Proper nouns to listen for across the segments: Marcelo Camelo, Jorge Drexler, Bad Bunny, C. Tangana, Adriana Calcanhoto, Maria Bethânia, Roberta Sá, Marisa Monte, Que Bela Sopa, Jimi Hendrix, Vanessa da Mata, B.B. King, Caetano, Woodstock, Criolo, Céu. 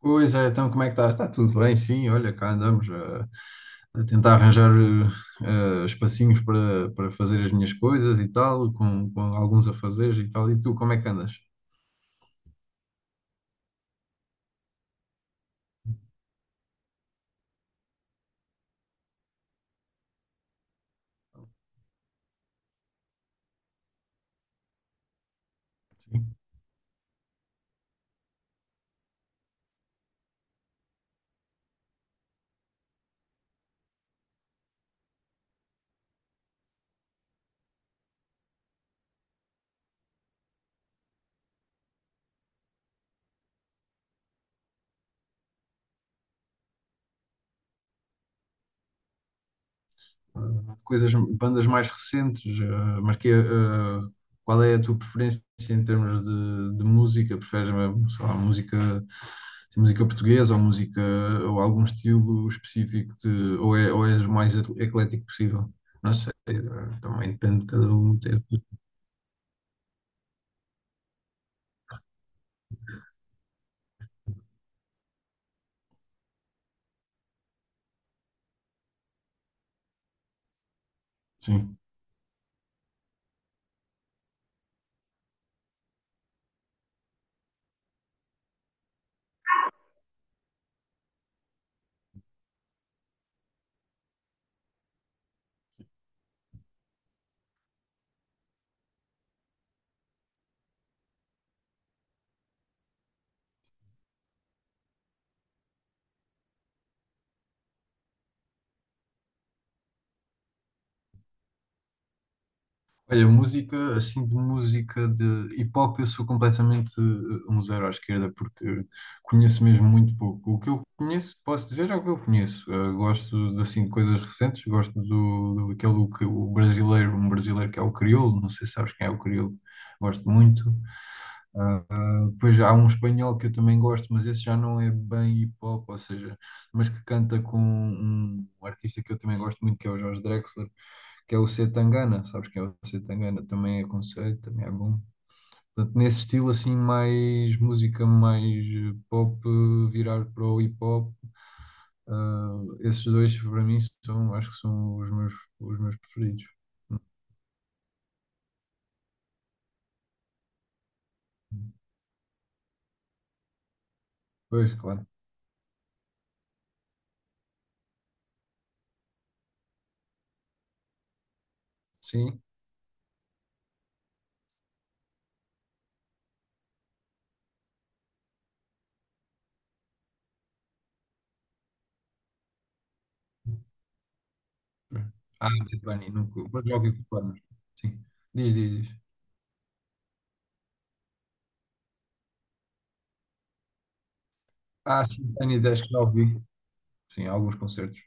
Pois é, então como é que estás? Está tudo bem, sim, olha, cá andamos a tentar arranjar espacinhos para fazer as minhas coisas e tal, com alguns afazeres e tal. E tu, como é que andas? Sim. Coisas, bandas mais recentes, mas que, qual é a tua preferência em termos de música? Preferes, sei lá, música, música portuguesa ou música, ou algum estilo específico de, ou, é, ou és o mais eclético possível? Não sei, também depende de cada um. Sim. Olha, música, assim, de música de hip hop, eu sou completamente um zero à esquerda, porque conheço mesmo muito pouco. O que eu conheço, posso dizer, é o que eu conheço. Gosto de, assim, de coisas recentes, gosto do aquele, que o brasileiro, um brasileiro que é o Criolo, não sei se sabes quem é o Criolo, gosto muito. Depois há um espanhol que eu também gosto, mas esse já não é bem hip hop, ou seja, mas que canta com um artista que eu também gosto muito, que é o Jorge Drexler, que é o C. Tangana, sabes que é o C. Tangana, também é conceito, também é bom. Portanto, nesse estilo assim, mais música, mais pop, virar para o hip hop, ah, esses dois para mim são, acho que são os meus preferidos. Pois, claro, sim. Ah, Bad Bunny, nunca, mas já ouvi falar, mas sim. Diz, diz, diz. Ah, sim, tenho ideias que já ouvi. Sim, alguns concertos.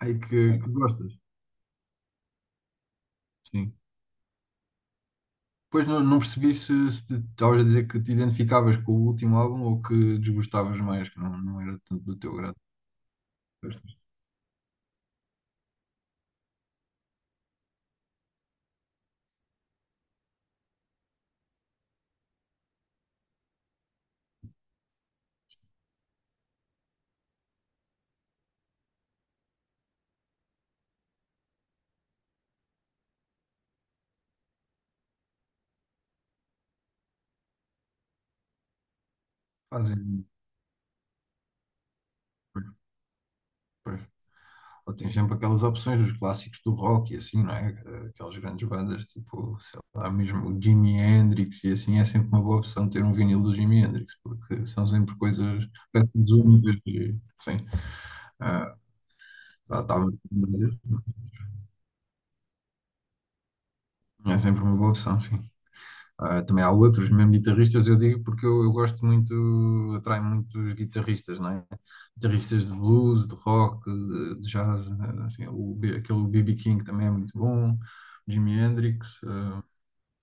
Aí que gostas. Sim. Pois não, não percebi se estavas a dizer que te identificavas com o último álbum ou que desgostavas mais, que não, não era tanto do teu grado. Pois, fazem. Pois, pois. Ou tens sempre aquelas opções dos clássicos do rock e assim, não é? Aquelas grandes bandas, tipo, sei lá, mesmo o Jimi Hendrix e assim, é sempre uma boa opção ter um vinil do Jimi Hendrix, porque são sempre coisas, peças únicas e, sim, ah, lá estava. É sempre uma boa opção, sim. Ah, também há outros, mesmo guitarristas, eu digo porque eu gosto muito, atrai muito os guitarristas, não é? Guitarristas de blues, de rock, de jazz, né? Assim, aquele B.B. King também é muito bom, Jimi Hendrix,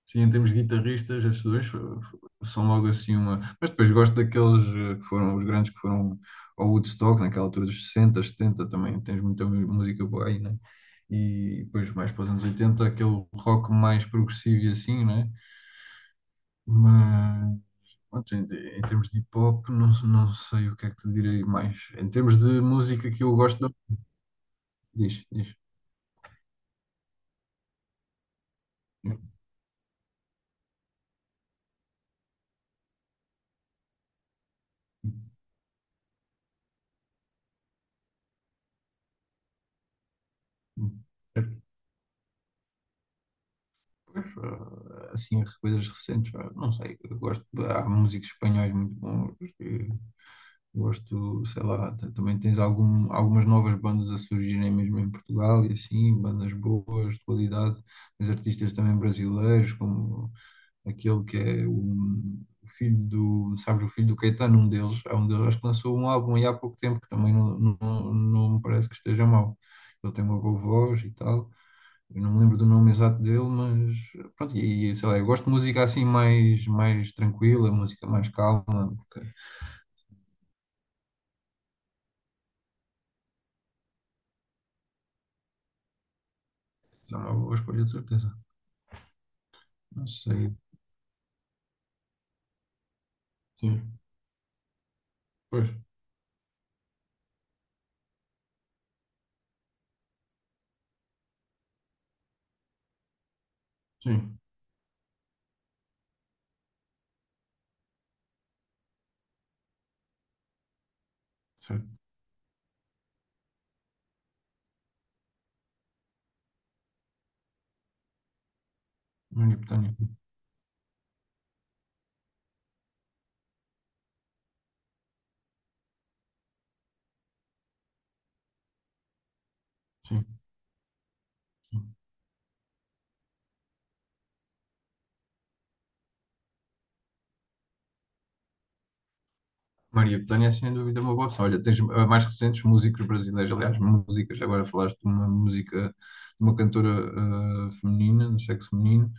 sim, em termos de guitarristas, esses dois são logo assim uma. Mas depois gosto daqueles que foram os grandes que foram ao Woodstock, naquela altura dos 60, 70 também. Tens muita música boa aí, né? E depois, mais para os anos 80, aquele rock mais progressivo e assim, né? Mas, pronto, em termos de hip hop, não, não sei o que é que te direi mais. Em termos de música que eu gosto, diz, diz. Pois, ah, assim, coisas recentes, ah, não sei, eu gosto, há músicos espanhóis muito bons, gosto, sei lá, também tens algumas novas bandas a surgirem mesmo em Portugal e assim, bandas boas, de qualidade, tens artistas também brasileiros, como aquele que é o, filho do, sabes, o filho do Caetano, um deles, é um deles, acho que lançou um álbum aí há pouco tempo, que também não, não, não me parece que esteja mau, ele tem uma boa voz e tal, eu não me lembro do nome exato dele, mas pronto, sei lá, eu gosto de música assim mais tranquila, música mais calma, porque é uma boa escolha de certeza. Não sei. Sim, pois, sim, certo. Maria Bethânia, sim, sim. Maria Bethânia é sem dúvida uma boa opção. Olha, tens mais recentes músicos brasileiros, aliás, músicas, agora falaste de uma música, de uma cantora feminina, no sexo feminino.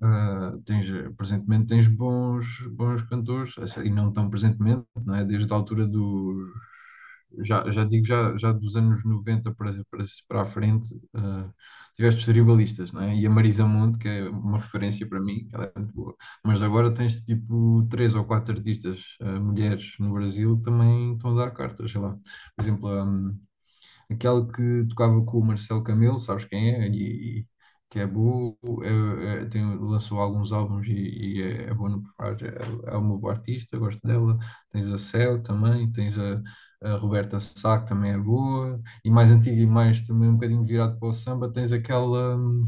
Ah, tens, presentemente tens bons cantores, assim, e não tão presentemente, não é? Desde a altura dos. Já, já digo, já dos anos 90 para a frente, ah, tiveste os tribalistas, não é? E a Marisa Monte, que é uma referência para mim, que ela é muito boa. Mas agora tens tipo 3 ou 4 artistas, mulheres no Brasil, que também estão a dar cartas, sei lá. Por exemplo, aquela que tocava com o Marcelo Camelo, sabes quem é? Que é boa, lançou alguns álbuns e é boa no que faz. É uma boa artista, gosto dela. Tens a Céu também, tens a Roberta Sá, que também é boa. E mais antiga e mais também um bocadinho virado para o samba, tens aquela,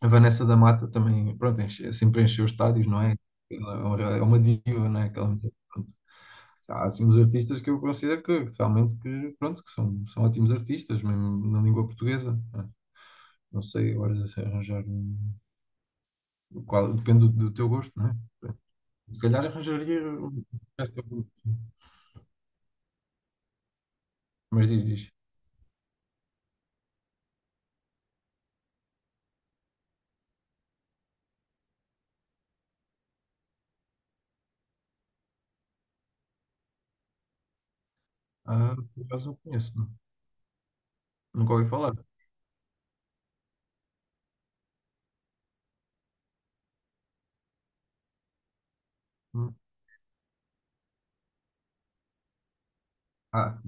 a Vanessa da Mata também, pronto, sempre encheu os estádios, não é? Ela é uma diva, não é? Aquela mulher. Há assim uns artistas que eu considero que realmente que, pronto, que são ótimos artistas, mesmo na língua portuguesa, né? Não sei agora se arranjar qual, depende do, teu gosto, não é? Se calhar arranjaria essa- mas diz, diz. Ah, por acaso não conheço, não. Nunca ouvi falar. Hum. Ah,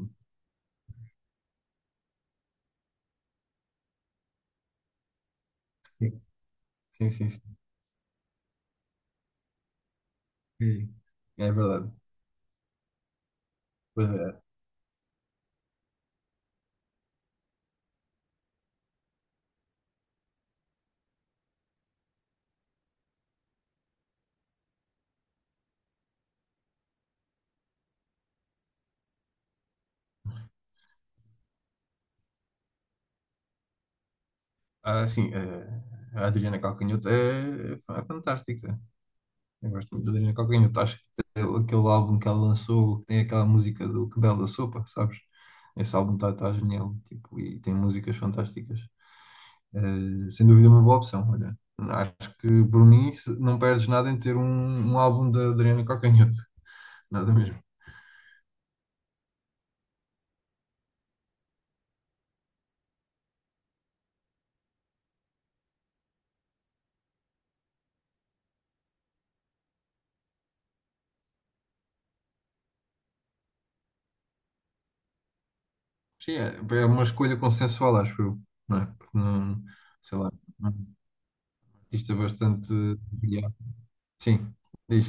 sim, sim, sim, sim. Sim. É verdade. Pois é. Ah, sim, a Adriana Calcanhoto é fantástica. Eu gosto muito da Adriana Calcanhoto. Acho que tem aquele álbum que ela lançou, que tem aquela música do Que Bela Sopa, sabes? Esse álbum está genial, tipo, e tem músicas fantásticas. Sem dúvida é uma boa opção, olha. Acho que por mim não perdes nada em ter um álbum da Adriana Calcanhoto. Nada mesmo. Sim, é uma escolha consensual, acho eu, não é? Porque não, sei lá, é um artista bastante variado. Sim, diz.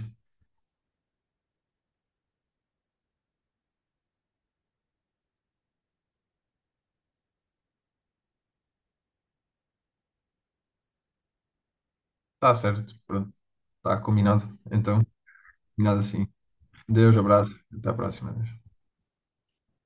Está certo, pronto, está combinado. Então, combinado assim. Deus, abraço. Até a próxima.